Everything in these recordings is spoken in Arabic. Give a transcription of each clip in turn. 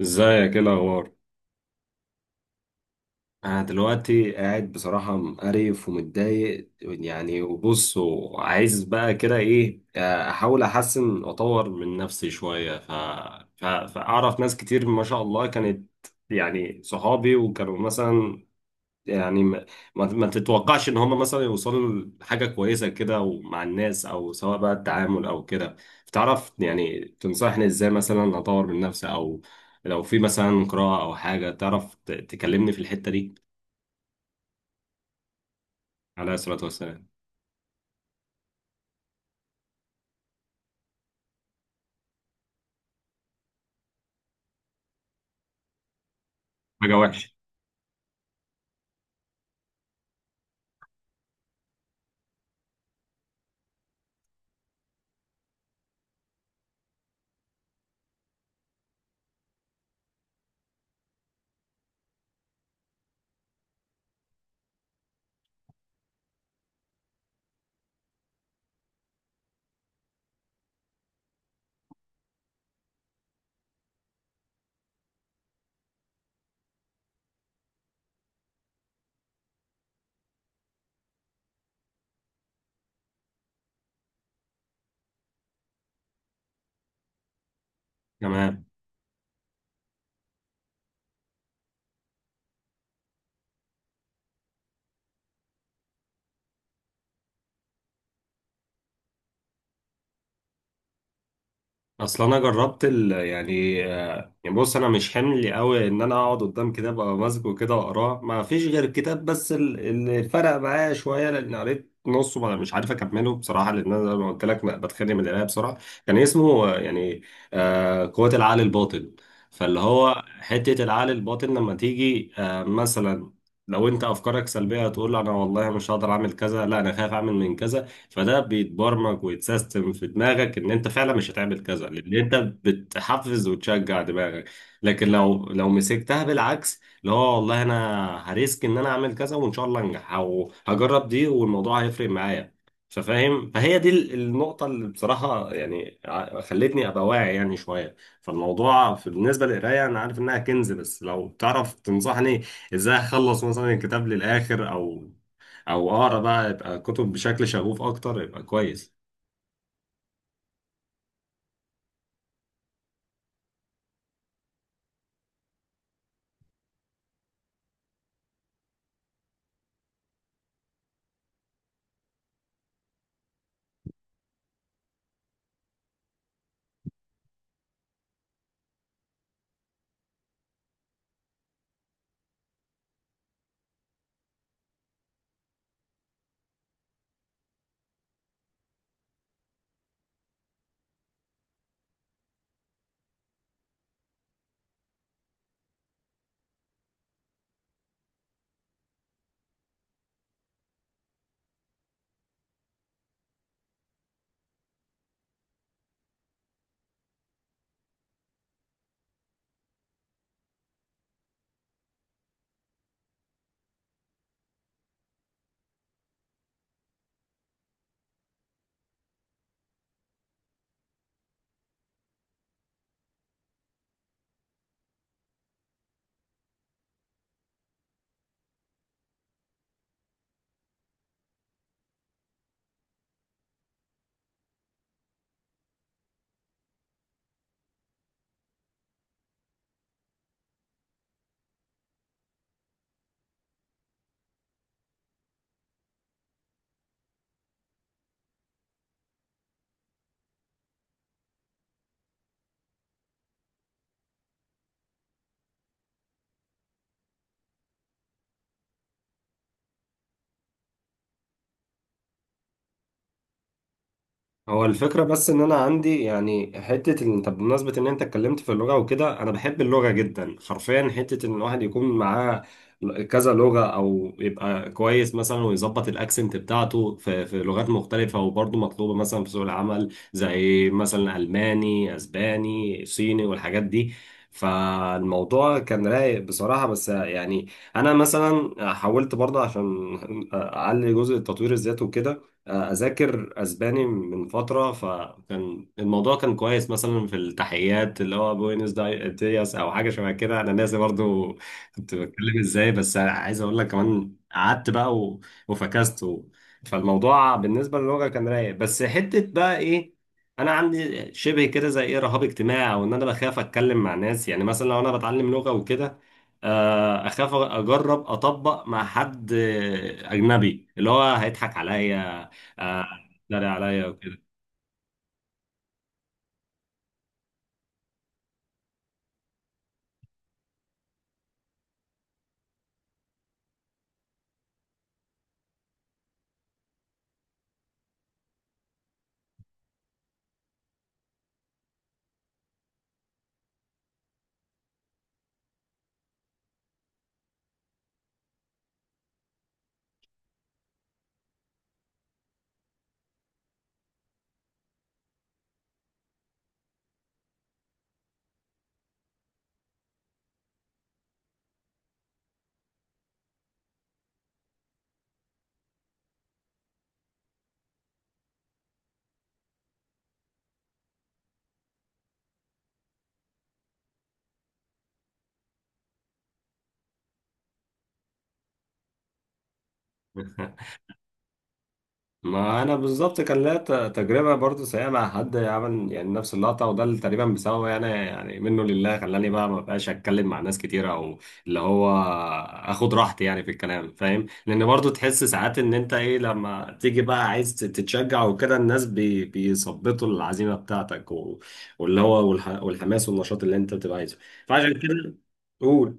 ازيك؟ ايه الاخبار؟ انا دلوقتي قاعد بصراحه مقرف ومتضايق، يعني وبص وعايز بقى كده ايه احاول احسن واطور من نفسي شويه. فاعرف ناس كتير ما شاء الله كانت يعني صحابي، وكانوا مثلا يعني ما تتوقعش ان هم مثلا يوصلوا لحاجه كويسه كده، ومع الناس او سواء بقى التعامل او كده. فتعرف يعني تنصحني ازاي مثلا اطور من نفسي، او لو في مثلا قراءه او حاجه تعرف تكلمني في الحته دي؟ عليه الصلاه والسلام. حاجه وحشه. تمام. اصل انا جربت ال يعني آه، يعني بص، انا مش حمل قوي ان انا اقعد قدام كتاب ابقى ماسكه كده واقراه، ما فيش غير الكتاب بس. اللي فرق معايا شويه، لان قريت نصه مش عارف اكمله بصراحه، لان انا زي ما قلت لك بتخانق من القرايه بسرعه. كان اسمه قوه العقل الباطن. فاللي هو حته العقل الباطن لما تيجي مثلا، لو انت افكارك سلبيه هتقول انا والله مش هقدر اعمل كذا، لا انا خايف اعمل من كذا. فده بيتبرمج ويتسيستم في دماغك ان انت فعلا مش هتعمل كذا، لان انت بتحفز وتشجع دماغك. لكن لو مسكتها بالعكس، اللي هو والله انا هريسك ان انا اعمل كذا وان شاء الله انجح، او هجرب دي والموضوع هيفرق معايا. ففاهم، فهي دي النقطة اللي بصراحة يعني خلتني أبقى واعي يعني شوية. فالموضوع بالنسبة للقراية أنا عارف إنها كنز، بس لو تعرف تنصحني إزاي أخلص مثلا الكتاب للآخر، أو او اقرا بقى يبقى كتب بشكل شغوف اكتر يبقى كويس. هو الفكرة بس إن أنا عندي يعني حتة إن، طب بمناسبة إن أنت اتكلمت في اللغة وكده، أنا بحب اللغة جدا حرفيا، حتة إن الواحد يكون معاه كذا لغة أو يبقى كويس مثلا ويظبط الأكسنت بتاعته في لغات مختلفة، وبرضه مطلوبة مثلا في سوق العمل زي مثلا ألماني أسباني صيني والحاجات دي. فالموضوع كان رايق بصراحة، بس يعني أنا مثلا حاولت برضه عشان أعلي جزء التطوير الذاتي وكده اذاكر اسباني من فتره، فكان الموضوع كان كويس مثلا في التحيات اللي هو بوينس دياس او حاجه شبه كده، انا ناسي برضو كنت بتكلم ازاي. بس عايز اقول لك كمان قعدت بقى وفكست فالموضوع بالنسبه للغه كان رايق، بس حته بقى ايه، انا عندي شبه كده زي ايه رهاب اجتماعي، او ان انا بخاف اتكلم مع ناس. يعني مثلا لو انا بتعلم لغه وكده، اخاف اجرب اطبق مع حد اجنبي اللي هو هيضحك عليا، آه، اتريق عليا وكده. ما انا بالظبط كان ليا تجربه برضو سيئه مع حد عمل يعني نفس اللقطه، وده اللي تقريبا بسببه يعني منه لله خلاني بقى ما بقاش اتكلم مع ناس كتير، او اللي هو اخد راحتي يعني في الكلام، فاهم؟ لان برضو تحس ساعات ان انت ايه، لما تيجي بقى عايز تتشجع وكده، الناس بيثبطوا العزيمه بتاعتك واللي هو والحماس والنشاط اللي انت بتبقى عايزه. فعشان كده قول.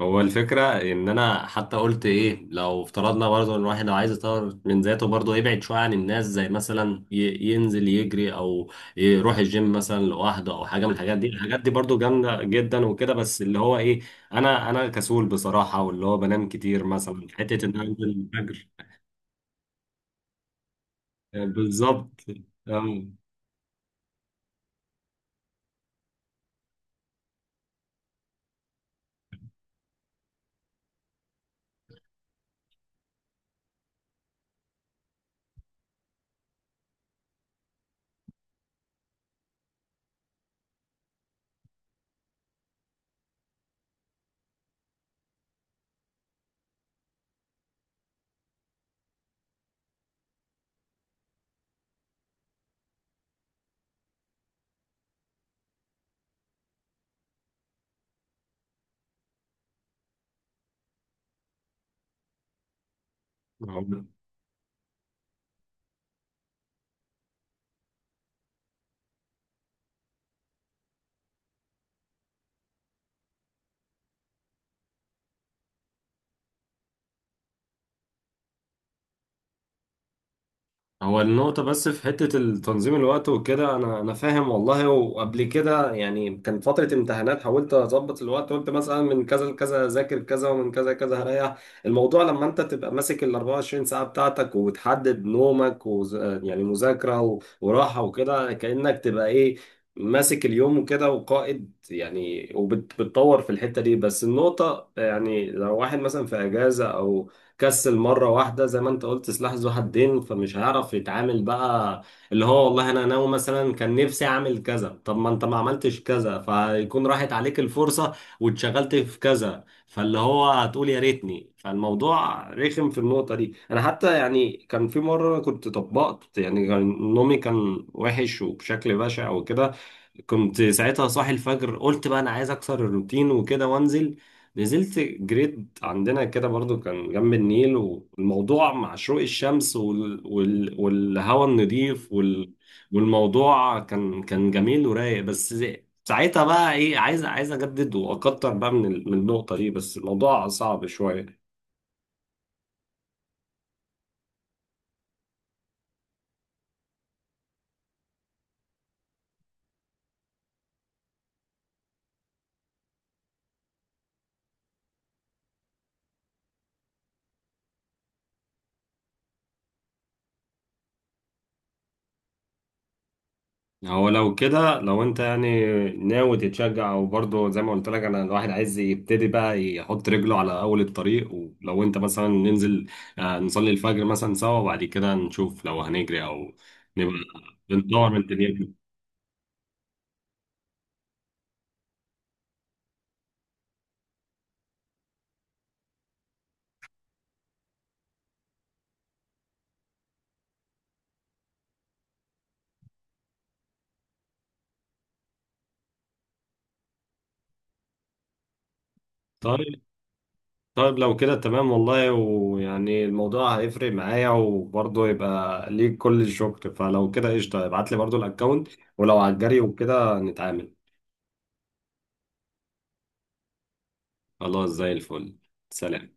هو الفكرة إن أنا حتى قلت إيه، لو افترضنا برضه إن الواحد لو عايز يطور من ذاته برضه يبعد شوية عن الناس، زي مثلا ينزل يجري أو يروح الجيم مثلا لوحده، أو حاجة من الحاجات دي. الحاجات دي برضه جامدة جدا وكده، بس اللي هو إيه، أنا كسول بصراحة واللي هو بنام كتير، مثلا حتة إن أنا أنزل الفجر. آه، بالظبط. آه. هو النقطة بس في حتة التنظيم الوقت وكده، أنا فاهم والله. وقبل كده يعني كان فترة امتحانات حاولت أظبط الوقت، قلت مثلا من كذا لكذا أذاكر كذا، ومن كذا لكذا هريح. الموضوع لما أنت تبقى ماسك ال 24 ساعة بتاعتك وتحدد نومك يعني مذاكرة وراحة وكده، كأنك تبقى إيه، ماسك اليوم وكده وقائد يعني، وبتطور في الحتة دي. بس النقطة يعني لو واحد مثلا في أجازة أو كسل مرة واحدة، زي ما انت قلت سلاح ذو حدين، فمش هيعرف يتعامل بقى. اللي هو والله انا ناوي مثلا كان نفسي اعمل كذا، طب ما انت ما عملتش كذا، فيكون راحت عليك الفرصة واتشغلت في كذا، فاللي هو هتقول يا ريتني. فالموضوع رخم في النقطة دي. انا حتى يعني كان في مرة كنت طبقت، يعني كان نومي كان وحش وبشكل بشع وكده، كنت ساعتها صاحي الفجر، قلت بقى انا عايز اكسر الروتين وكده وانزل. نزلت جريد عندنا كده برضو كان جنب النيل، والموضوع مع شروق الشمس والهواء النظيف والموضوع كان جميل ورايق. بس ساعتها بقى ايه، عايز اجدد واكتر بقى من من النقطة دي، بس الموضوع صعب شوية. هو لو كده لو انت يعني ناوي تتشجع، وبرضه زي ما قلت لك انا الواحد عايز يبتدي بقى يحط رجله على اول الطريق، ولو انت مثلا ننزل نصلي الفجر مثلا سوا، وبعد كده نشوف لو هنجري او نبقى بندور من دنيتنا. طيب. طيب لو كده تمام والله، ويعني الموضوع هيفرق معايا وبرضه يبقى ليك كل الشكر. فلو كده قشطة، ابعت لي برضه الاكونت، ولو على الجري وكده نتعامل. خلاص زي الفل. سلام.